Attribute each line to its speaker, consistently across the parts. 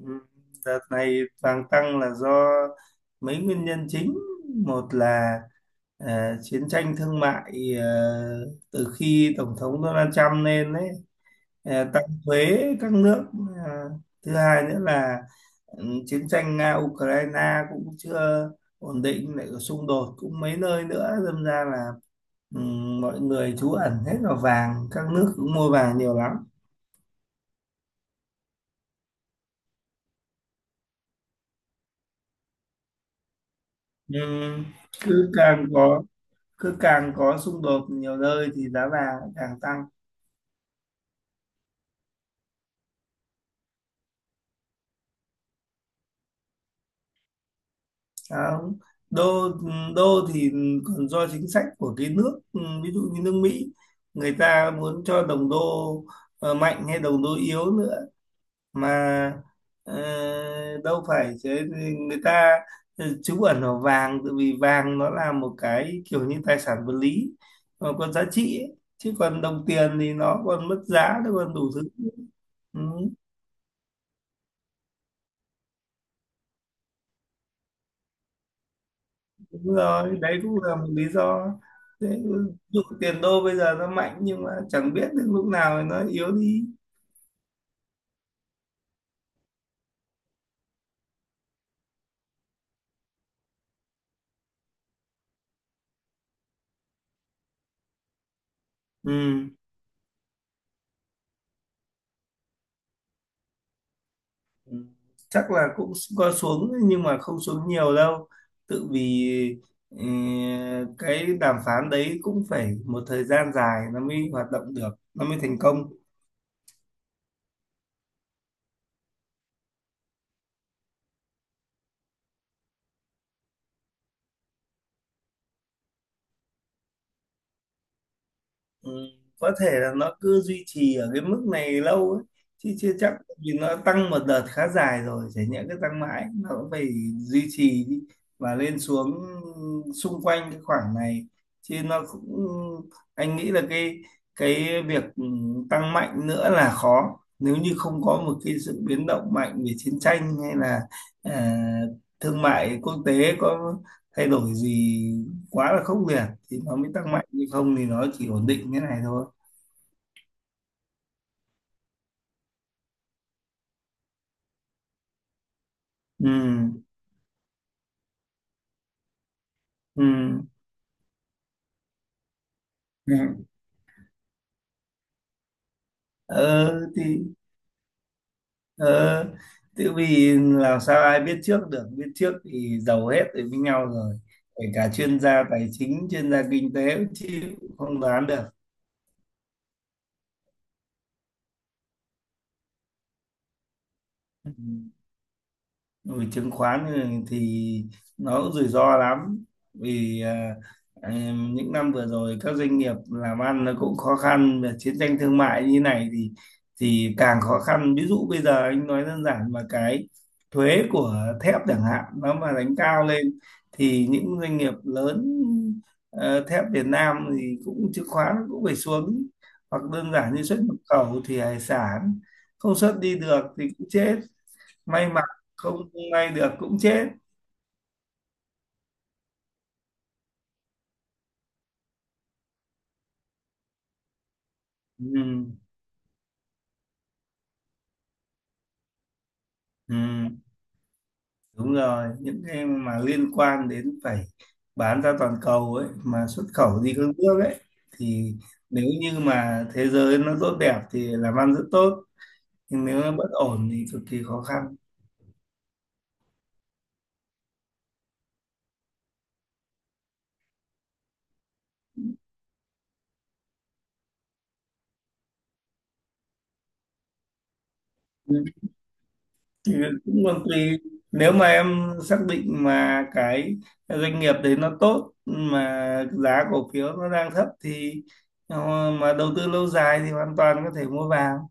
Speaker 1: Ừ, đợt này vàng tăng là do mấy nguyên nhân chính. Một là chiến tranh thương mại từ khi Tổng thống Donald Trump lên đấy, tăng thuế các nước. Ờ, Thứ hai nữa là chiến tranh Nga-Ukraine cũng chưa ổn định, lại có xung đột cũng mấy nơi nữa. Đâm ra là ừ, mọi người trú ẩn hết vào vàng, các nước cũng mua vàng nhiều lắm. Ừ, cứ càng có cứ càng có xung đột nhiều nơi thì giá vàng lại càng tăng. Đó. Đô đô thì còn do chính sách của cái nước, ví dụ như nước Mỹ người ta muốn cho đồng đô mạnh hay đồng đô yếu nữa mà, ờ, đâu phải thế. Người ta trú ẩn vào vàng tại vì vàng nó là một cái kiểu như tài sản vật lý, nó có giá trị ấy. Chứ còn đồng tiền thì nó còn mất giá, nó còn đủ thứ. Ừ. Đúng rồi, đấy cũng là một lý do. Thế, ví dụ tiền đô bây giờ nó mạnh nhưng mà chẳng biết đến lúc nào nó yếu đi. Ừ. Ừ. Chắc là cũng có xuống nhưng mà không xuống nhiều đâu. Tự vì ừ, cái đàm phán đấy cũng phải một thời gian dài nó mới hoạt động được, nó mới thành công. Ừ, có thể là nó cứ duy trì ở cái mức này lâu ấy. Chứ chưa chắc, tại vì nó tăng một đợt khá dài rồi, chả nhẽ cứ tăng mãi, nó cũng phải duy trì đi và lên xuống xung quanh cái khoảng này chứ. Nó cũng, anh nghĩ là cái việc tăng mạnh nữa là khó, nếu như không có một cái sự biến động mạnh về chiến tranh, hay là à, thương mại quốc tế có thay đổi gì quá là khốc liệt thì nó mới tăng mạnh, nhưng không thì nó chỉ ổn định thế này thôi. Ừ. Ừ. Ừ. ờ thì ờ tự vì làm sao ai biết trước được, biết trước thì giàu hết rồi với nhau rồi, kể cả chuyên gia tài chính, chuyên gia kinh tế cũng chịu, không đoán được. Ừ. Ừ, chứng khoán thì nó cũng rủi ro lắm, vì những năm vừa rồi các doanh nghiệp làm ăn nó cũng khó khăn, và chiến tranh thương mại như này thì càng khó khăn. Ví dụ bây giờ anh nói đơn giản, mà cái thuế của thép chẳng hạn nó mà đánh cao lên thì những doanh nghiệp lớn, thép Việt Nam thì cũng, chứng khoán cũng phải xuống, hoặc đơn giản như xuất nhập khẩu thì hải sản không xuất đi được thì cũng chết, may mà không may được cũng chết. Ừ, ừ, đúng rồi, những cái mà liên quan đến phải bán ra toàn cầu ấy, mà xuất khẩu đi các nước ấy thì, nếu như mà thế giới nó tốt đẹp thì làm ăn rất tốt, nhưng nếu nó bất ổn thì cực kỳ khó khăn. Ừ, thì cũng còn tùy, nếu mà em xác định mà cái doanh nghiệp đấy nó tốt mà giá cổ phiếu nó đang thấp thì, mà đầu tư lâu dài thì hoàn toàn có thể mua vào.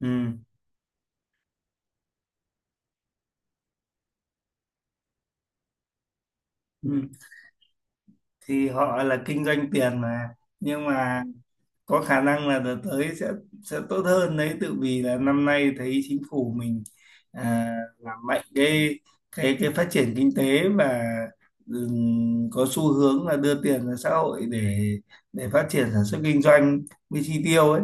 Speaker 1: Ừ, ừ. Thì họ là kinh doanh tiền mà, nhưng mà có khả năng là đợt tới sẽ tốt hơn đấy, tự vì là năm nay thấy chính phủ mình à, làm mạnh cái cái phát triển kinh tế, và có xu hướng là đưa tiền ra xã hội để phát triển sản xuất kinh doanh với chi tiêu ấy.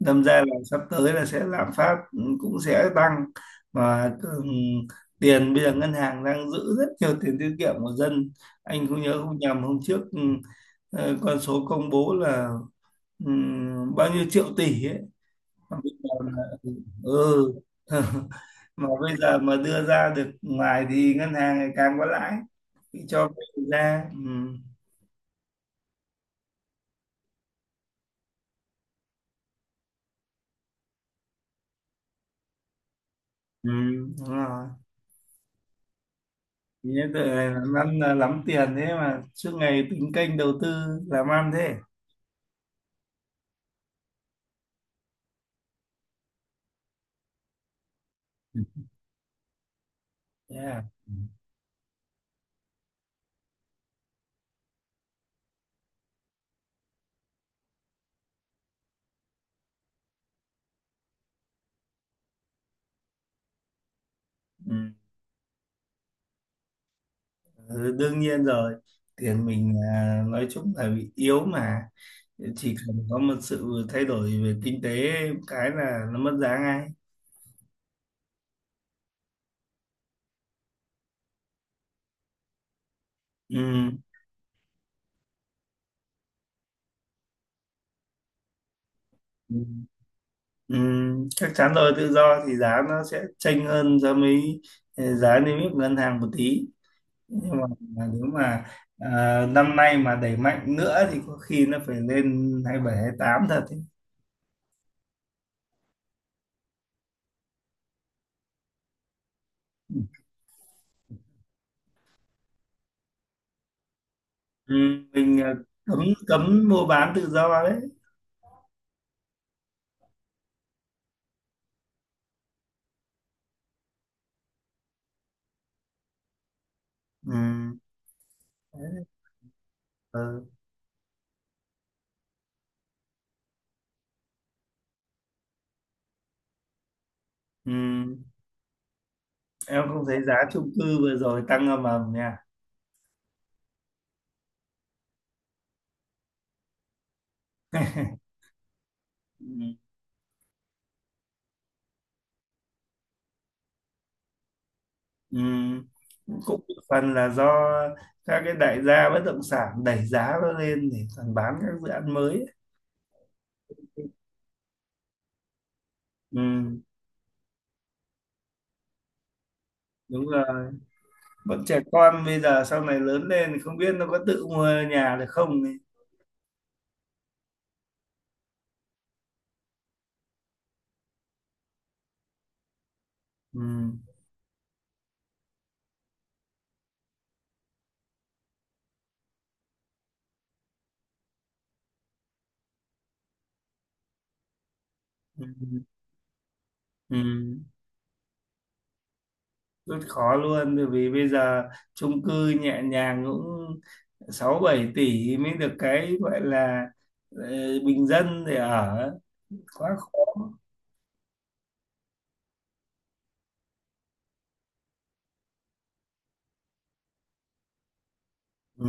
Speaker 1: Đâm ra là sắp tới là sẽ lạm phát, cũng sẽ tăng. Và tiền bây giờ ngân hàng đang giữ rất nhiều tiền tiết kiệm của dân. Anh không nhớ không nhầm hôm trước, con số công bố là ừ, bao nhiêu triệu tỷ ấy, mà bây giờ là, ừ mà bây giờ mà đưa ra được ngoài thì ngân hàng ngày càng có lãi, thì cho vay ra. Ừ. Ừ, đúng rồi. Nghĩa tự làm ăn là lắm tiền thế mà suốt ngày tính kênh đầu tư làm ăn thế. Yeah. Ừ. Ừ, đương nhiên rồi. Tiền mình nói chung là bị yếu mà. Chỉ cần có một sự thay đổi về kinh tế, cái là nó mất giá ngay. Ừ. Ừ. Ừ. Chắc chắn rồi, tự do thì giá nó sẽ chênh hơn so với, giá niêm yết của ngân hàng một tí. Nhưng mà nếu mà, năm nay mà đẩy mạnh nữa thì có khi nó phải lên 27-28 thật ấy. Ừ, mình cấm cấm mua bán tự do đấy. Ừ. Đấy. Ừ. Ừ. Em không thấy giá chung cư vừa rồi tăng ầm ầm nha. Ừ. Ừ. Cũng một phần là do các cái đại gia bất động sản đẩy giá nó lên để còn bán các dự án mới ấy. Ừ. Đúng rồi, bọn trẻ con bây giờ sau này lớn lên thì không biết nó có tự mua nhà được không ấy. Ừ. Ừ. Ừ. Rất khó luôn, bởi vì bây giờ chung cư nhẹ nhàng cũng 6-7 tỷ mới được cái gọi là, ờ, bình dân để ở, quá khó. Ừ.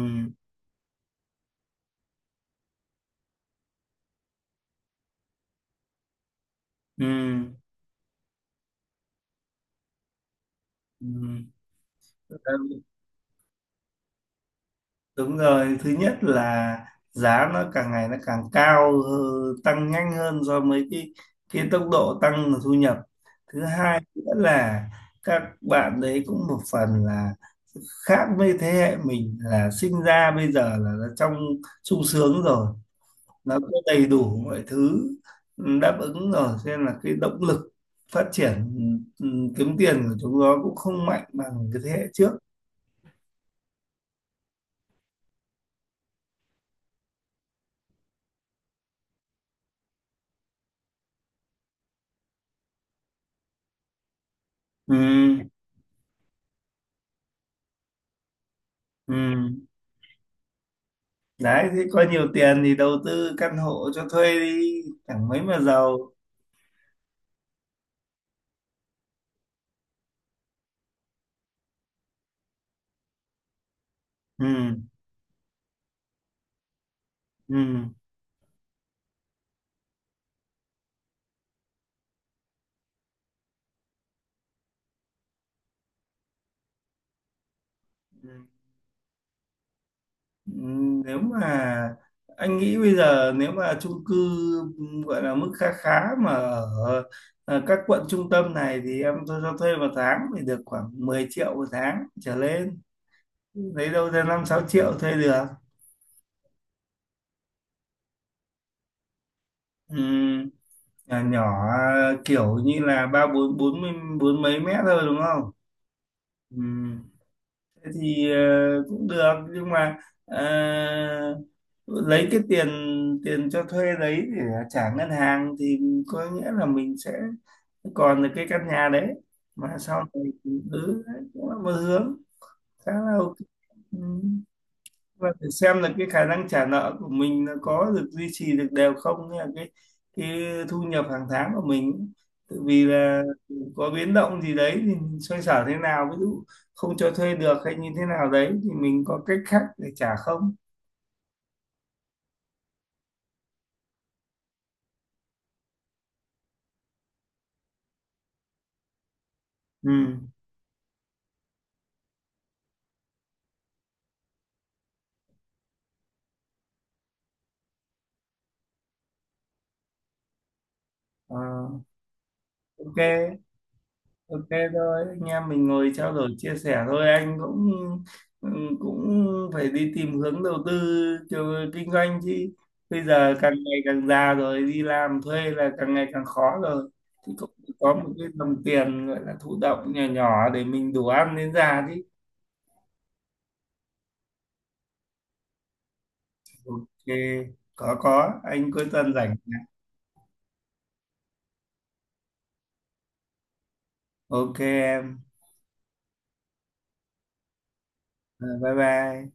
Speaker 1: Ừ. Ừ. Đúng rồi, thứ nhất là giá nó càng ngày nó càng cao, tăng nhanh hơn do mấy cái tốc độ tăng thu nhập. Thứ hai nữa là các bạn đấy cũng một phần là khác với thế hệ mình, là sinh ra bây giờ là nó trong sung sướng rồi, nó có đầy đủ mọi thứ đáp ứng rồi, cho nên là cái động lực phát triển, ừ, ừ, kiếm tiền của chúng nó cũng không mạnh bằng cái thế hệ trước. Ừ, ừ. Đấy thế có nhiều tiền thì đầu tư căn hộ cho thuê đi, chẳng mấy mà giàu. Ừ, ừ, ừ. Ừ, nếu mà anh nghĩ bây giờ nếu mà chung cư gọi là mức khá khá mà ở ở các quận trung tâm này thì em tôi cho thuê một tháng thì được khoảng 10 triệu một tháng trở lên, lấy đâu ra 5-6 triệu thuê được. Ừ, nhà nhỏ kiểu như là ba bốn bốn mươi- bốn mấy mét thôi đúng không. Ừ. Thì cũng được, nhưng mà ờ, lấy cái tiền, cho thuê đấy để trả ngân hàng thì có nghĩa là mình sẽ còn được cái căn nhà đấy. Mà sau này, đấy cũng là một hướng khá là ok. ừ và phải xem là cái khả năng trả nợ của mình nó có được duy trì được đều không, hay là cái thu nhập hàng tháng của mình, tự vì là có biến động gì đấy thì mình xoay sở thế nào, ví dụ không cho thuê được hay như thế nào đấy thì mình có cách khác để trả không. Ừ. Ờ, ok. Ok thôi, anh em mình ngồi trao đổi chia sẻ thôi, anh cũng ừ, cũng phải đi tìm hướng đầu tư kiểu kinh doanh chứ. Bây giờ càng ngày càng già rồi, đi làm thuê là càng ngày càng khó rồi. Thì cũng có một cái đồng tiền gọi là thụ động nhỏ nhỏ để mình đủ ăn đến già chứ. Ok, có, anh cuối tuần rảnh. Ok em, Ờ, bye bye.